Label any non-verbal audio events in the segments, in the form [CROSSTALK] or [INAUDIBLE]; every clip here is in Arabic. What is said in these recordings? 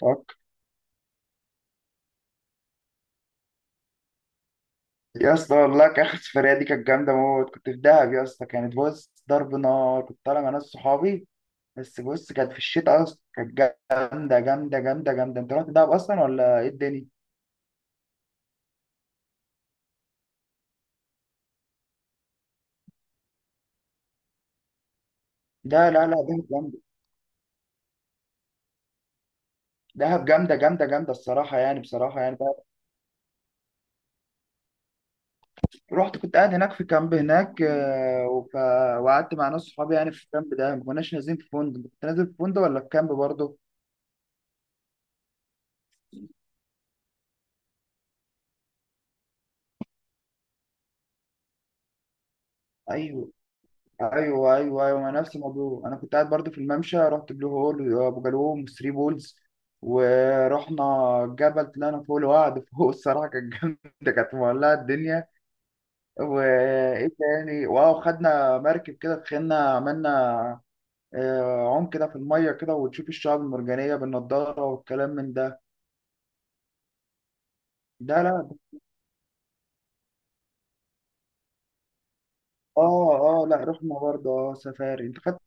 طب، يا اسطى والله كان اخر سفريه دي كانت جامده موت. كنت في دهب يا اسطى، كانت بص ضرب نار. كنت طالع مع ناس صحابي بس بص، كانت في الشتاء اصلا. كانت جامده جامده جامده جامده. انت رحت دهب اصلا ولا ايه الدنيا؟ ده لا لا، دهب جامده. دهب جامده جامده جامده الصراحه، يعني بصراحه يعني دهب. رحت كنت قاعد هناك في كامب هناك، وقعدت مع ناس صحابي يعني في الكامب ده. ما كناش نازلين في فندق، كنت نازل في فندق ولا في كامب برضه؟ ايوه ايوه ايوه ايوه، ما نفس الموضوع. انا كنت قاعد برضو في الممشى، رحت بلو هول وابو جالوم وثري بولز ورحنا جبل، طلعنا فوق الوعد [LAUGHS] فوق. الصراحه كانت جامده، كانت مولعه الدنيا. وايه تاني، واو خدنا مركب كده، دخلنا عملنا عوم كده في الميه كده، وتشوف الشعاب المرجانيه بالنضاره والكلام من ده. ده لا اه لا رحنا برضه اه سفاري، انت خدت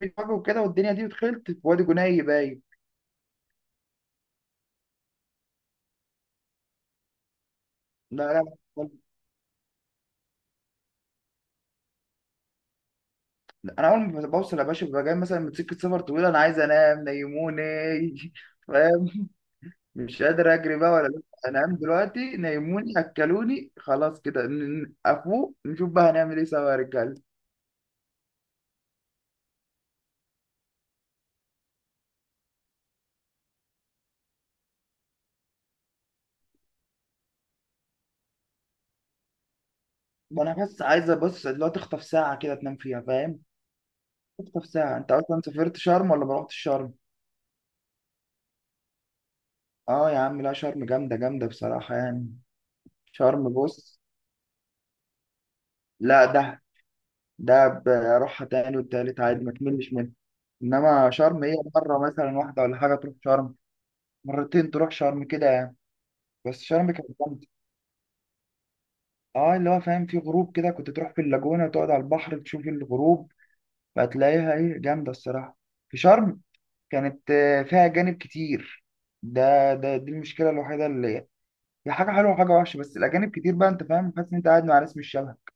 فيديو كده والدنيا دي، ودخلت في وادي جناي باين. لا لا، انا اول ما بوصل يا باشا، ببقى جاي مثلا من سكه سفر طويله، انا عايز انام نيموني. [LAUGHS] فاهم؟ مش قادر اجري بقى ولا لأ. انام دلوقتي نيموني اكلوني خلاص كده، افوق نشوف بقى هنعمل ايه سوا يا رجاله. ما انا بس عايزه بص اللي هو تخطف ساعه كده تنام فيها، فاهم؟ تخطف ساعه. انت اصلا سافرت شرم ولا ما رحتش شرم؟ اه يا عم، لا شرم جامده جامده بصراحه يعني. شرم بص، لا ده بروحها تاني والتالت عادي، ما تملش منها. انما شرم هي مره مثلا واحده ولا حاجه تروح شرم، مرتين تروح شرم كده يعني. بس شرم كانت جامده. اه اللي هو فاهم، في غروب كده كنت تروح في اللاجونه تقعد على البحر تشوف الغروب. هتلاقيها ايه جامده الصراحه في شرم. كانت فيها اجانب كتير. ده دي المشكله الوحيده، اللي هي حاجه حلوه وحاجه وحشه. بس الاجانب كتير بقى، انت فاهم؟ حاسس ان انت قاعد مع ناس مش شبهك.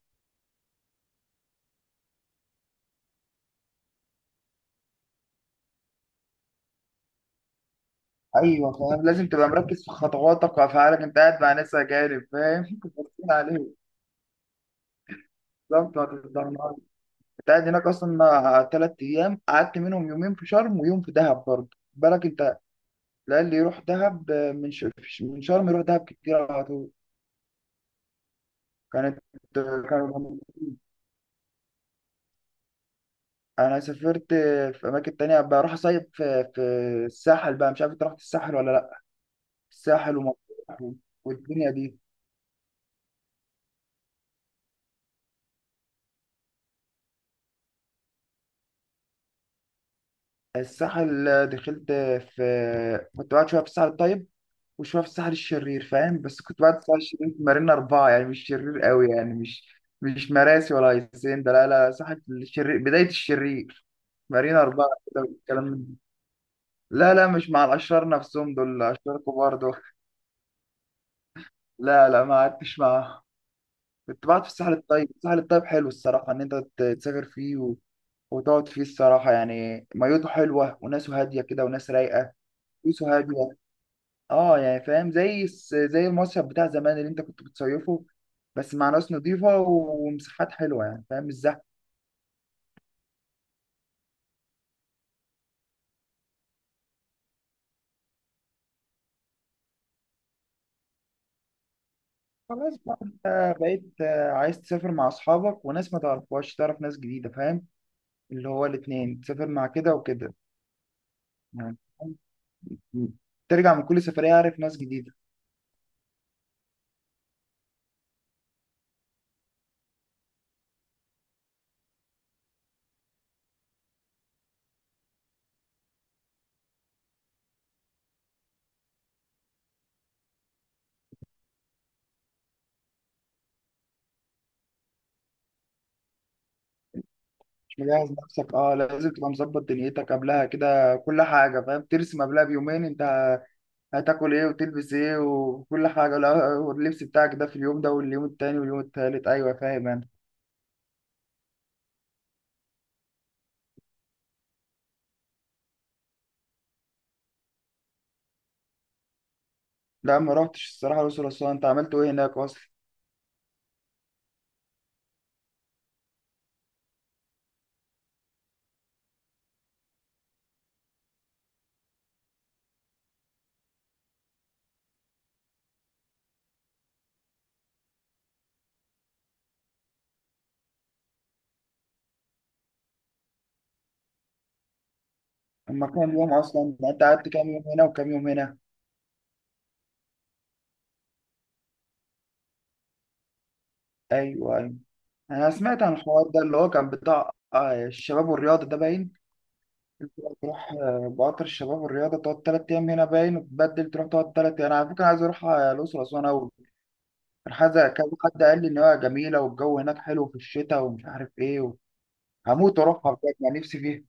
ايوه فاهم، لازم تبقى مركز في خطواتك وافعالك، انت قاعد مع ناس اجانب فاهم [LAUGHS] مركزين عليه. بالظبط ما تتضررش. انت قاعد هناك اصلا ثلاث ايام، قعدت منهم يومين في شرم ويوم في دهب، برضه بالك انت. لا اللي يروح دهب من شرم يروح دهب كتير على طول. كانت [LAUGHS] كان انا سافرت في اماكن تانية، بروح اصيف في الساحل بقى. مش عارف انت رحت الساحل ولا لا. الساحل ومطروح والدنيا دي. الساحل دخلت في، كنت قاعد شويه في الساحل الطيب وشويه في الساحل الشرير، فاهم؟ بس كنت بعد الساحل الشرير في مارينا اربعه، يعني مش شرير قوي يعني مش مراسي ولا ياسين، ده لا لا، ساحل الشرير بدايه الشرير. مارينا اربعه كده والكلام من ده. لا لا مش مع الاشرار نفسهم، دول اشرار كبار دول. لا لا ما قعدتش معاهم. كنت بقعد في الساحل الطيب. الساحل الطيب حلو الصراحه، ان انت تسافر فيه وتقعد فيه الصراحه. يعني ميته حلوه وناسه هاديه كده وناس رايقه، فلوسه هاديه. اه يعني فاهم، زي زي المصيف بتاع زمان اللي انت كنت بتصيفه، بس مع ناس نظيفة ومساحات حلوة يعني فاهم، مش زحمة. خلاص بقى، انت بقيت عايز تسافر مع اصحابك وناس ما تعرفهاش، تعرف ناس جديدة فاهم؟ اللي هو الاتنين، تسافر مع كده وكده يعني. فاهم؟ ترجع من كل سفرية عارف ناس جديدة. مش مجهز نفسك، اه لازم تبقى مظبط دنيتك قبلها كده كل حاجة فاهم. ترسم قبلها بيومين، انت هتاكل ايه وتلبس ايه وكل حاجة، لا واللبس بتاعك ده في اليوم ده واليوم التاني واليوم التالت، أيوة فاهم أنا. لا ما روحتش الصراحة. الأقصر وأسوان أنت عملت ايه هناك أصلا؟ أما كام يوم أصلا، يعني أنت قعدت كام يوم هنا وكام يوم هنا؟ أيوة أيوة. أنا سمعت عن الحوار ده اللي هو كان بتاع الشباب والرياضة ده باين. اللي هو تروح بقطر الشباب والرياضة، تقعد تلات أيام هنا باين وتبدل تروح تقعد تلات أيام. أنا على فكرة عايز أروح الأقصر وأسوان أوي. كان حد كذا، حد قال لي إن هو جميلة والجو هناك حلو في الشتاء ومش عارف إيه. هموت واروحها بجد، يعني نفسي فيها.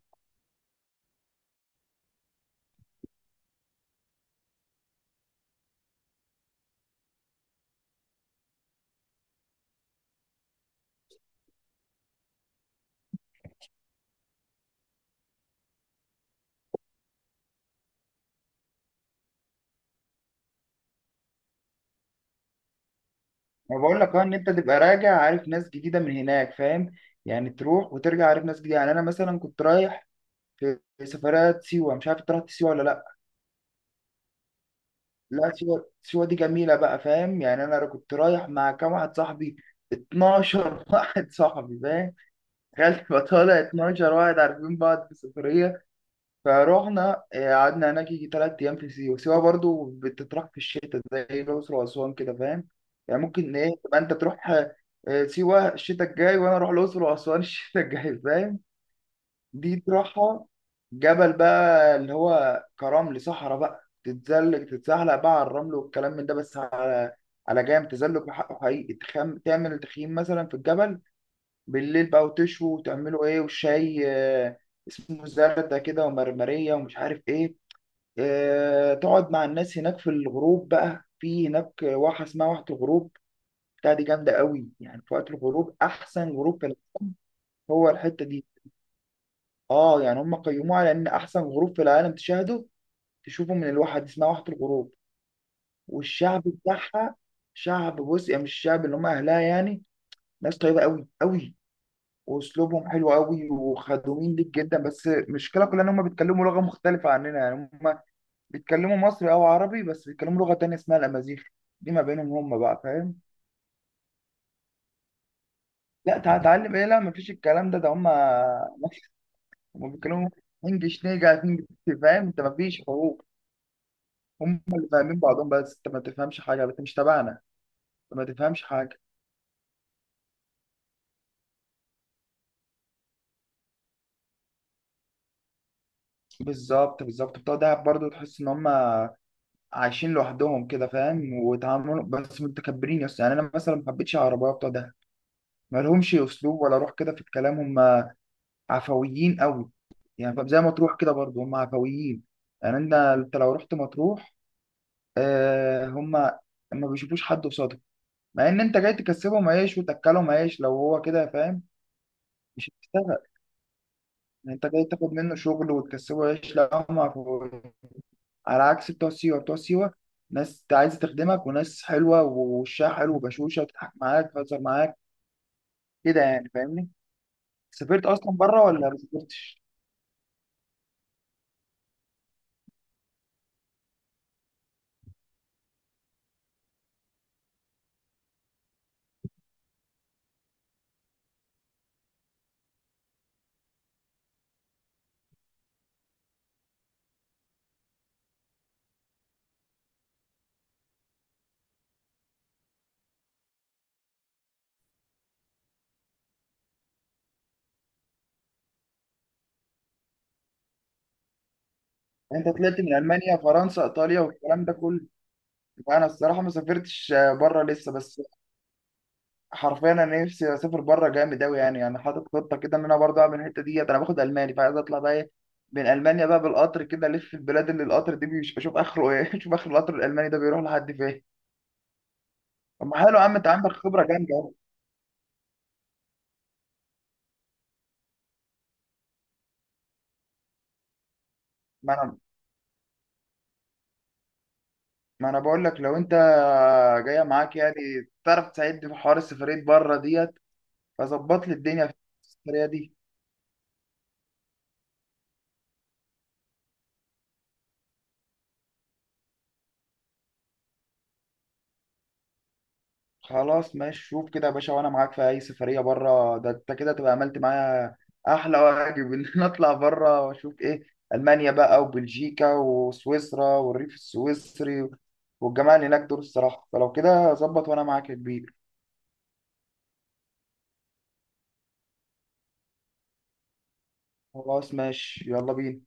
ما بقول لك ان انت تبقى راجع عارف ناس جديده من هناك فاهم؟ يعني تروح وترجع عارف ناس جديده. يعني انا مثلا كنت رايح في سفرات سيوه، مش عارف انت رحت سيوه ولا لا. لا سيوه، سيوه دي جميله بقى فاهم. يعني انا كنت رايح مع كام واحد صاحبي، 12 [LAUGHS] واحد صاحبي فاهم. تخيل تبقى طالع 12 واحد عارفين بعض في السفريه. فروحنا قعدنا هناك يجي تلات أيام في سيوة. سيوة برضو بتطرح في الشتاء زي الأقصر وأسوان كده فاهم. يعني ممكن إيه تبقى أنت تروح سيوة الشتاء الجاي، وأنا أروح الأقصر وأسوان [LAUGHS] الشتاء الجاي فاهم. دي تروحها جبل بقى اللي هو كرمل صحراء، بقى تتزلج تتزحلق بقى على الرمل والكلام من ده، بس على على جام تزلج بحقه حقيقي. تعمل تخييم مثلا في الجبل بالليل بقى، وتشوي وتعملوا إيه، وشاي اسمه زردة كده ومرمرية ومش عارف إيه. تقعد مع الناس هناك في الغروب بقى، في هناك واحة اسمها واحة الغروب بتاع. دي جامدة قوي يعني في وقت الغروب، أحسن غروب في العالم هو الحتة دي. اه يعني هم قيموها على إن أحسن غروب في العالم تشاهده، تشوفه من الواحة دي اسمها واحة الغروب. والشعب بتاعها، شعب بص يعني مش الشعب اللي هم أهلها يعني. ناس طيبة قوي قوي، وأسلوبهم حلو قوي وخدومين ليك جدا. بس المشكلة كلها إن هم بيتكلموا لغة مختلفة عننا، يعني هم بيتكلموا مصري او عربي بس بيتكلموا لغه تانية اسمها الامازيغ، دي ما بينهم هم بقى فاهم. لا تعلم ايه، لا مفيش الكلام ده، ده هم [LAUGHS] هم بيتكلموا انجلش نيجا انجلش فاهم. انت مفيش حروف، هم اللي فاهمين بعضهم بس انت ما تفهمش حاجه، انت مش تبعنا، انت ما تفهمش حاجه. بالظبط بالظبط، بتوع دهب برضه تحس ان هم عايشين لوحدهم كده فاهم، وتعاملهم بس متكبرين يس يعني. انا مثلا ما حبيتش العربيه بتوع دهب، ما لهمش اسلوب ولا روح كده في الكلام. هم عفويين قوي، يعني فاهم؟ زي مطروح كده برضو هم عفويين. يعني انت انت لو رحت مطروح، آه هم ما بيشوفوش حد قصادك، مع ان انت جاي تكسبهم عيش وتاكلهم عيش لو هو كده فاهم. مش هتشتغل، يعني انت جاي تاخد منه شغل وتكسبه عيش. لا هم عفويين على عكس بتوع سيوه. بتوع سيوه ناس انت عايز تخدمك، وناس حلوه ووشها حلو وبشوشه، وتضحك معاك تهزر معاك كده، يعني فاهمني. سافرت اصلا بره ولا ما سافرتش؟ يعني انت طلعت من المانيا فرنسا ايطاليا والكلام ده كله. انا الصراحه ما سافرتش بره لسه. بس حرفيا انا نفسي اسافر بره جامد قوي، يعني يعني حاطط خطه كده ان انا برضه اعمل الحته ديت. انا باخد الماني، فعايز اطلع بقى ايه من المانيا بقى بالقطر كده، الف في البلاد اللي القطر دي مش بشوف اخره ايه [LAUGHS] اشوف اخر القطر الالماني ده بيروح لحد فين. طب ما حلو يا عم، انت عندك خبره جامده أهو. ما انا ما انا بقول لك لو انت جايه معاك يعني، تعرف تساعدني في حوار السفريه بره ديت، فظبط لي الدنيا في السفريه دي. خلاص ماشي، شوف كده يا باشا. وانا معاك في اي سفريه بره، ده انت كده تبقى عملت معايا احلى واجب [LAUGHS] ان انا اطلع بره واشوف ايه. المانيا بقى وبلجيكا وسويسرا والريف السويسري والجماعه اللي هناك دول الصراحه. فلو كده ظبط وانا معاك يا كبير. خلاص ماشي يلا بينا.